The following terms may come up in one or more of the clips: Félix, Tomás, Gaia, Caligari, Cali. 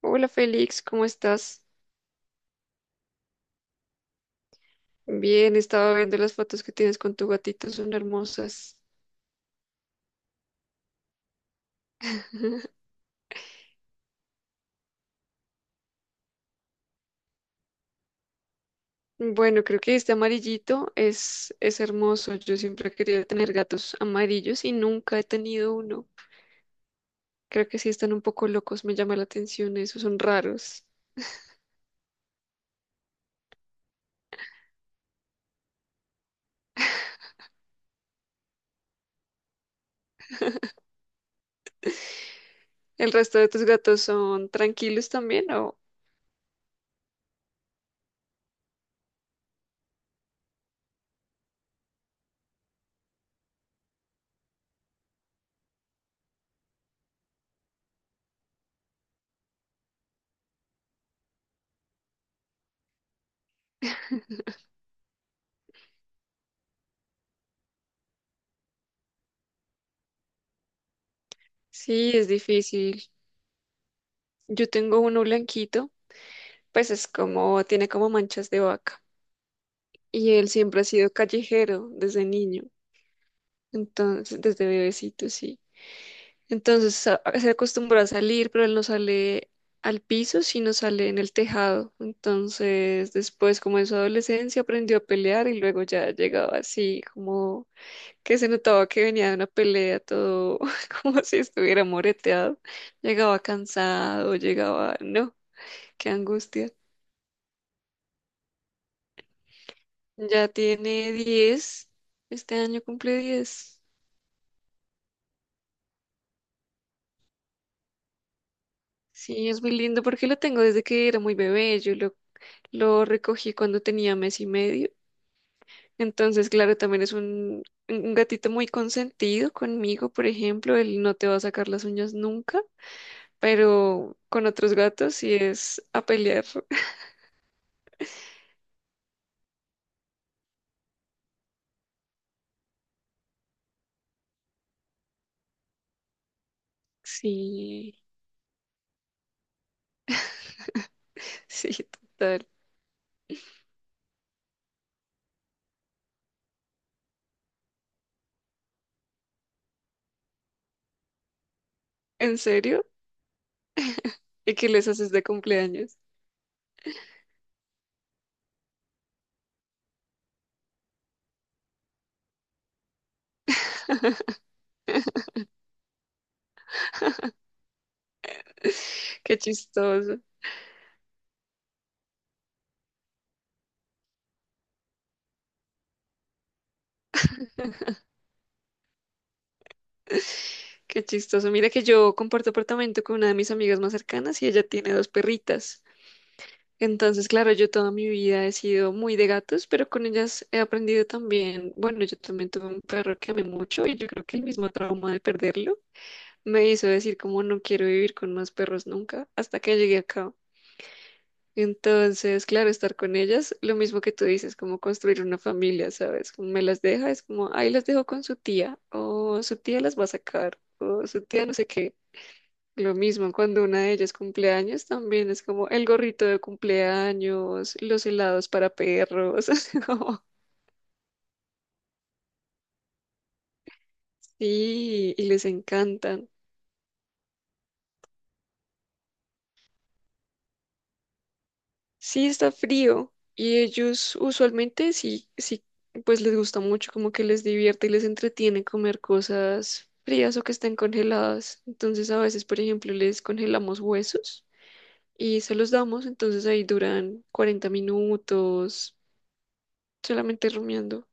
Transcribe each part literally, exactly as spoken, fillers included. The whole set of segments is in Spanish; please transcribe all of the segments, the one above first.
Hola Félix, ¿cómo estás? Bien, estaba viendo las fotos que tienes con tu gatito, son hermosas. Bueno, creo que este amarillito es, es hermoso. Yo siempre he querido tener gatos amarillos y nunca he tenido uno. Creo que sí están un poco locos, me llama la atención. Esos son raros. ¿El resto de tus gatos son tranquilos también o...? Sí, es difícil. Yo tengo uno blanquito, pues es como, tiene como manchas de vaca. Y él siempre ha sido callejero desde niño. Entonces, desde bebecito, sí. Entonces a- se acostumbró a salir, pero él no sale al piso, sino sale en el tejado. Entonces, después, como en su adolescencia, aprendió a pelear y luego ya llegaba así, como que se notaba que venía de una pelea, todo como si estuviera moreteado. Llegaba cansado, llegaba, no, qué angustia. Ya tiene diez. Este año cumple diez. Sí, es muy lindo porque lo tengo desde que era muy bebé. Yo lo, lo recogí cuando tenía mes y medio. Entonces, claro, también es un, un gatito muy consentido conmigo, por ejemplo. Él no te va a sacar las uñas nunca, pero con otros gatos sí es a pelear. Sí, sí, total. ¿En serio? ¿Y qué les haces de cumpleaños? Qué chistoso, qué chistoso. Mira que yo comparto apartamento con una de mis amigas más cercanas y ella tiene dos perritas. Entonces, claro, yo toda mi vida he sido muy de gatos, pero con ellas he aprendido también, bueno, yo también tuve un perro que amé mucho y yo creo que el mismo trauma de perderlo me hizo decir como no quiero vivir con más perros nunca hasta que llegué acá. Entonces, claro, estar con ellas, lo mismo que tú dices, como construir una familia, ¿sabes? Como me las deja, es como, ahí las dejo con su tía, o su tía las va a sacar, o su tía no sé qué. Lo mismo cuando una de ellas cumpleaños también es como el gorrito de cumpleaños, los helados para perros. así como, sí, y les encantan. Sí, está frío y ellos usualmente sí, sí, pues les gusta mucho, como que les divierte y les entretiene comer cosas frías o que estén congeladas. Entonces a veces, por ejemplo, les congelamos huesos y se los damos, entonces ahí duran cuarenta minutos solamente rumiando.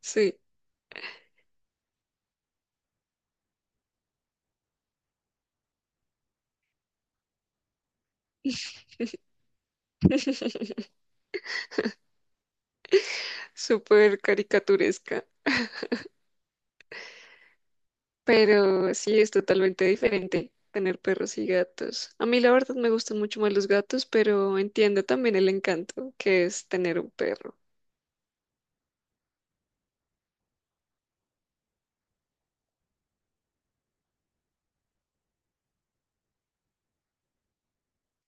Sí. Súper caricaturesca, pero sí es totalmente diferente tener perros y gatos. A mí la verdad me gustan mucho más los gatos, pero entiendo también el encanto que es tener un perro.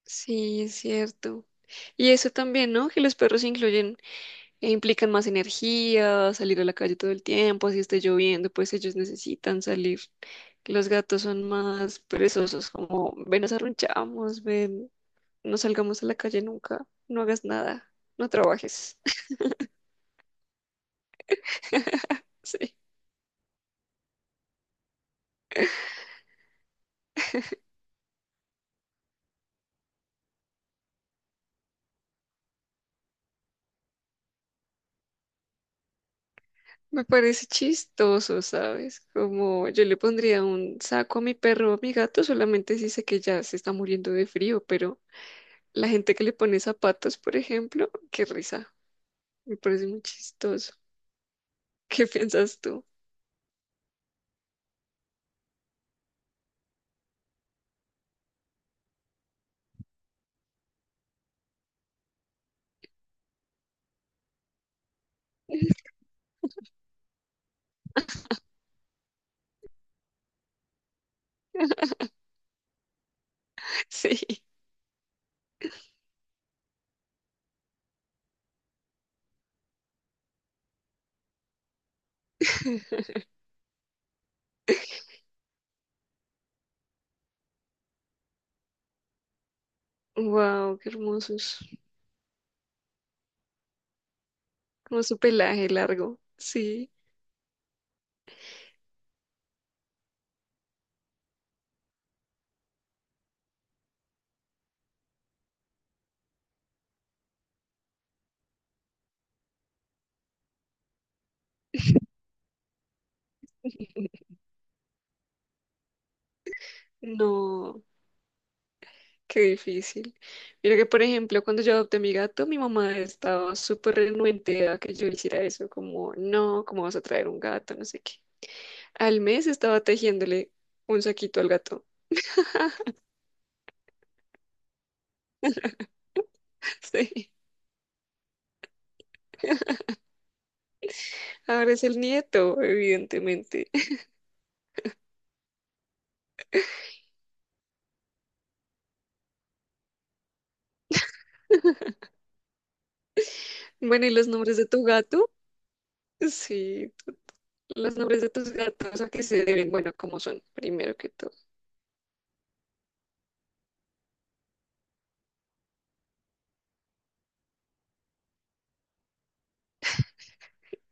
Sí, es cierto. Y eso también, ¿no? Que los perros incluyen e implican más energía, salir a la calle todo el tiempo, si esté lloviendo, pues ellos necesitan salir. Los gatos son más perezosos, como ven, nos arrunchamos, ven, no salgamos a la calle nunca, no hagas nada, no trabajes. Sí, me parece chistoso, ¿sabes? Como yo le pondría un saco a mi perro o a mi gato, solamente si sé que ya se está muriendo de frío, pero la gente que le pone zapatos, por ejemplo, qué risa, me parece muy chistoso. ¿Qué piensas tú? Sí. Wow, qué hermosos. Como su pelaje largo. Sí. No. Qué difícil. Mira que, por ejemplo, cuando yo adopté a mi gato, mi mamá estaba súper renuente a que yo hiciera eso, como, no, ¿cómo vas a traer un gato? No sé qué. Al mes estaba tejiéndole un saquito al gato. Sí. Ahora es el nieto, evidentemente. Bueno, ¿y los nombres de tu gato? Sí, tú- los nombres de tus gatos, ¿a qué se deben? Bueno, ¿cómo son? Primero que todo,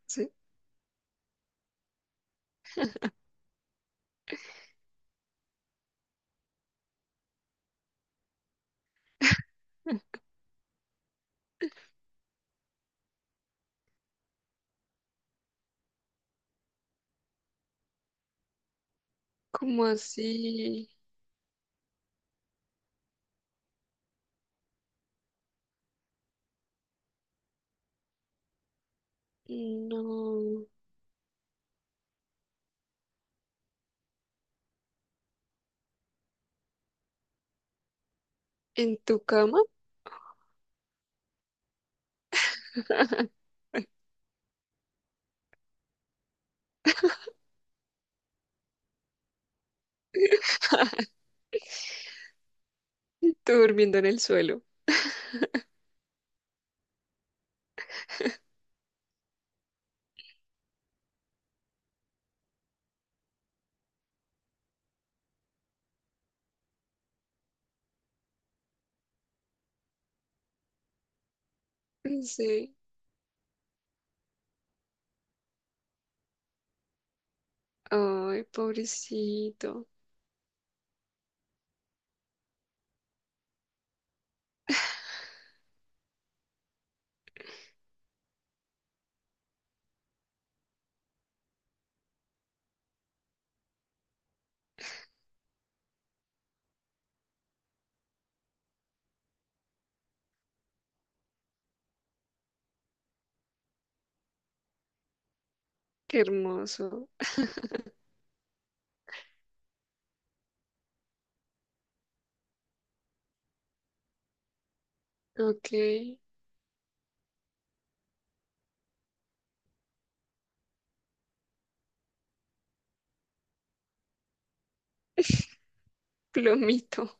¿sí? ¿Cómo así? No. ¿En tu cama? Tú durmiendo en el suelo. Sí. Ay, pobrecito. Qué hermoso. Ok. Plomito.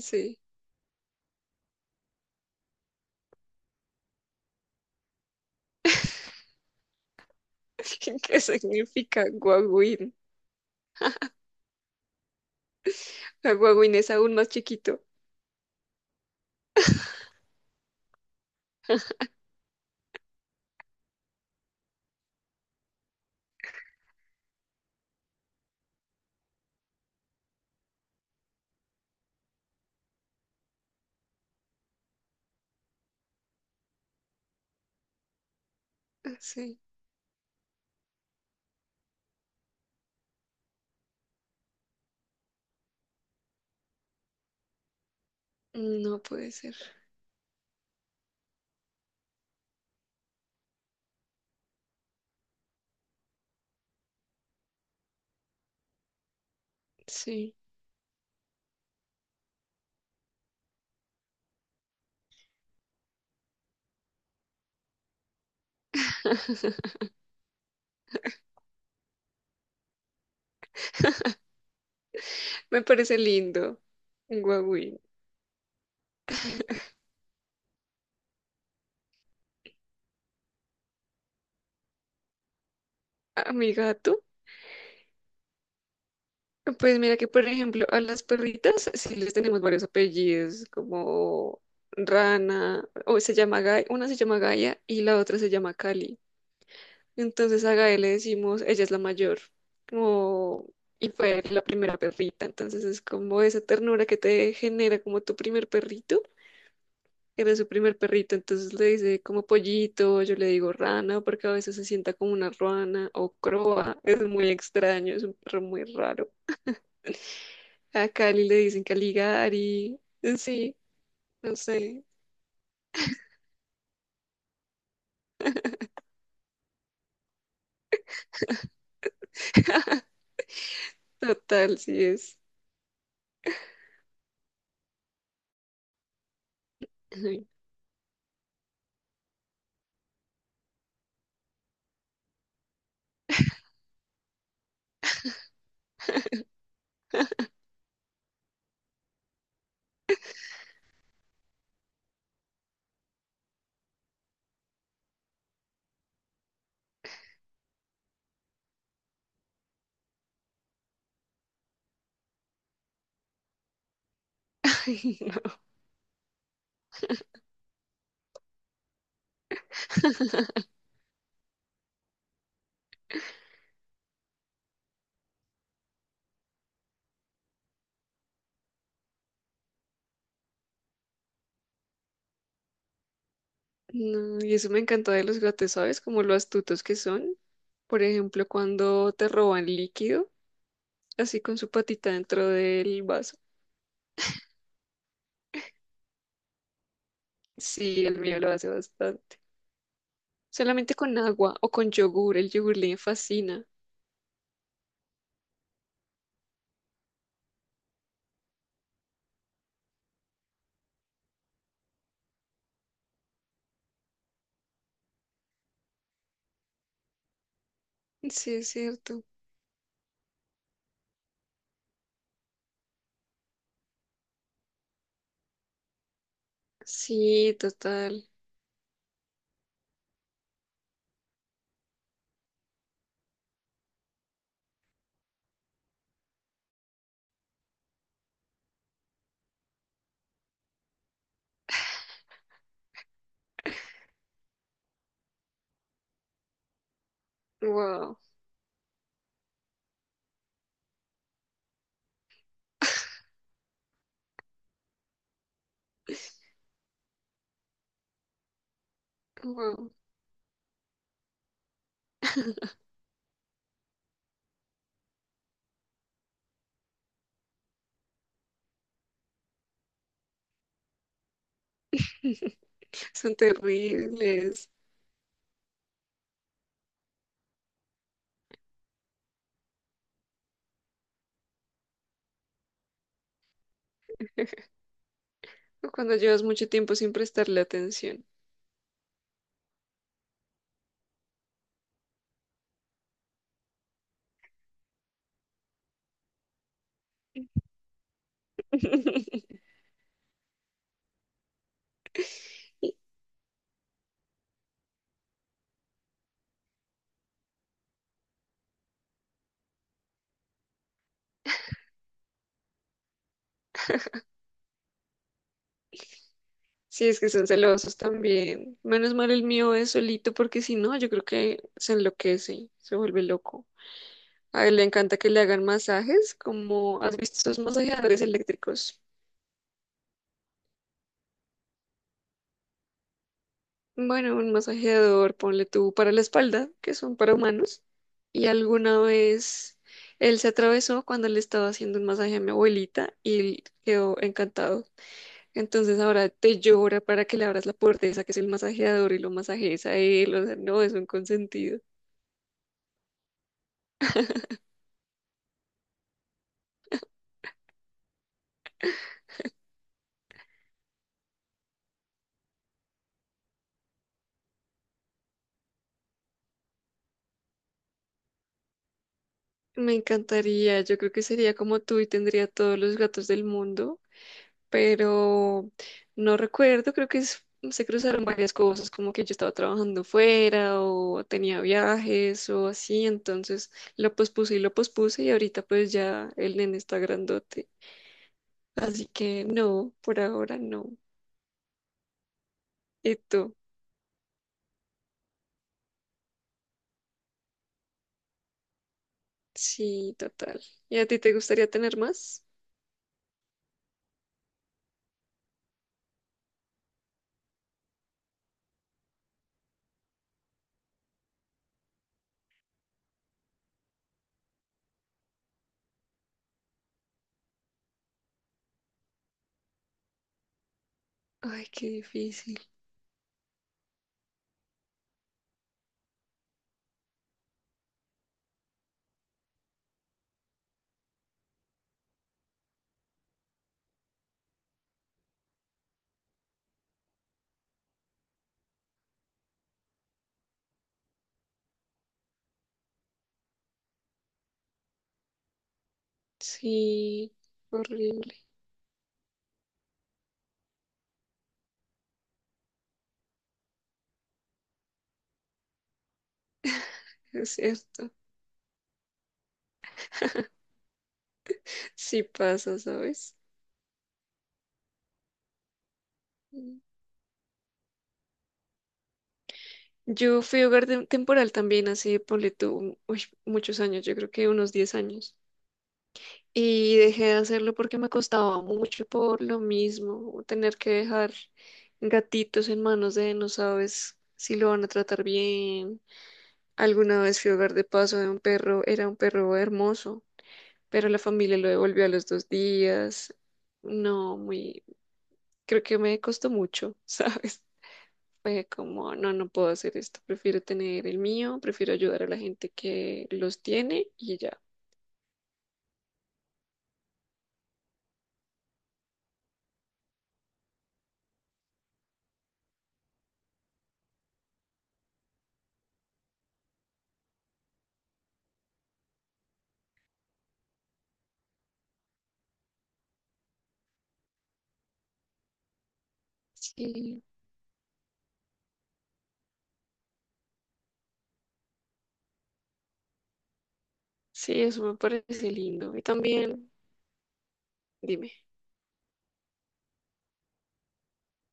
Sí. ¿Qué significa guagüín? Ah, guagüín es aún más chiquito. Ah, sí. No puede ser. Sí. Me parece lindo. Un guagüín. A mi gato. Pues mira que, por ejemplo, a las perritas sí les tenemos varios apellidos, como Rana, o se llama Gaia, una se llama Gaia y la otra se llama Cali. Entonces a Gael le decimos, ella es la mayor, como, y fue la primera perrita. Entonces es como esa ternura que te genera como tu primer perrito. Era su primer perrito, entonces le dice como pollito, yo le digo rana, porque a veces se sienta como una ruana o croa. Es muy extraño, es un perro muy raro. A Cali le dicen Caligari. Sí, no sé. Total, sí es. Ay, ay, no. No, y eso me encanta de los gatos, ¿sabes? Como lo astutos que son. Por ejemplo, cuando te roban líquido, así con su patita dentro del vaso. Sí, el mío lo hace bastante. Solamente con agua o con yogur, el yogur le fascina. Sí, es cierto. Sí, total. Wow, wow. Son terribles. O cuando llevas mucho tiempo sin prestarle atención. Sí, es que son celosos también. Menos mal el mío es solito porque si no, yo creo que se enloquece, se vuelve loco. A él le encanta que le hagan masajes, como has visto esos masajeadores eléctricos. Bueno, un masajeador, ponle tú para la espalda, que son para humanos. Y alguna vez él se atravesó cuando le estaba haciendo un masaje a mi abuelita y él quedó encantado. Entonces ahora te llora para que le abras la puerta, esa que es el masajeador y lo masajes a él. O sea, no, es un consentido. Me encantaría, yo creo que sería como tú y tendría todos los gatos del mundo, pero no recuerdo, creo que es- se cruzaron varias cosas, como que yo estaba trabajando fuera o tenía viajes o así, entonces lo pospuse y lo pospuse y ahorita pues ya el nene está grandote, así que no, por ahora no. ¿Y tú? Sí, total. ¿Y a ti te gustaría tener más? Ay, qué difícil. Sí, horrible, es cierto. Sí pasa, ¿sabes? Mm. Yo fui hogar de- temporal también hace, ponle tú, uy, muchos años, yo creo que unos diez años. Y dejé de hacerlo porque me costaba mucho por lo mismo, tener que dejar gatitos en manos de no sabes si lo van a tratar bien. Alguna vez fui hogar de paso de un perro, era un perro hermoso, pero la familia lo devolvió a los dos días. No, muy, creo que me costó mucho, ¿sabes? Fue como, no, no puedo hacer esto, prefiero tener el mío, prefiero ayudar a la gente que los tiene y ya. Sí, sí, eso me parece lindo. Y también, dime,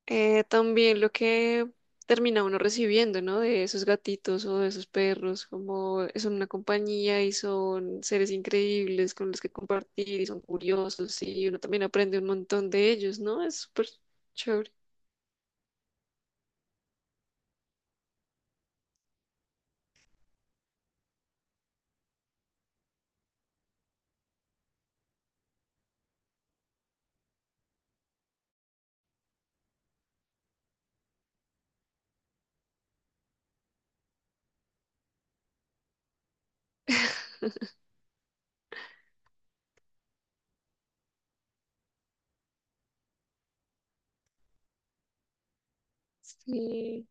eh, también lo que termina uno recibiendo, ¿no? De esos gatitos o de esos perros, como son una compañía y son seres increíbles con los que compartir y son curiosos y uno también aprende un montón de ellos, ¿no? Es súper chévere. Sí.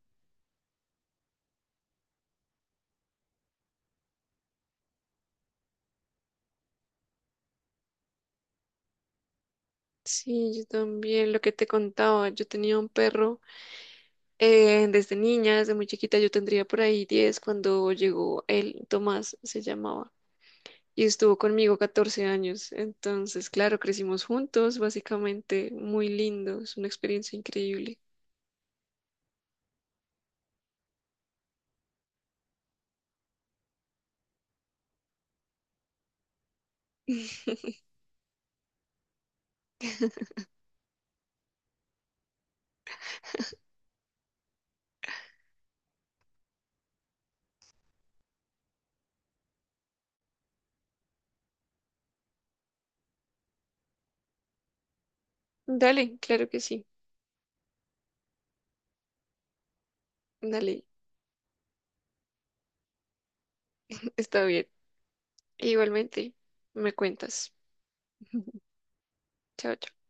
Sí, yo también, lo que te contaba, yo tenía un perro eh, desde niña, desde muy chiquita, yo tendría por ahí diez cuando llegó él, Tomás se llamaba, y estuvo conmigo catorce años, entonces, claro, crecimos juntos, básicamente, muy lindo, es una experiencia increíble. Dale, claro que sí, dale, está bien. Igualmente, me cuentas. Chao, chao.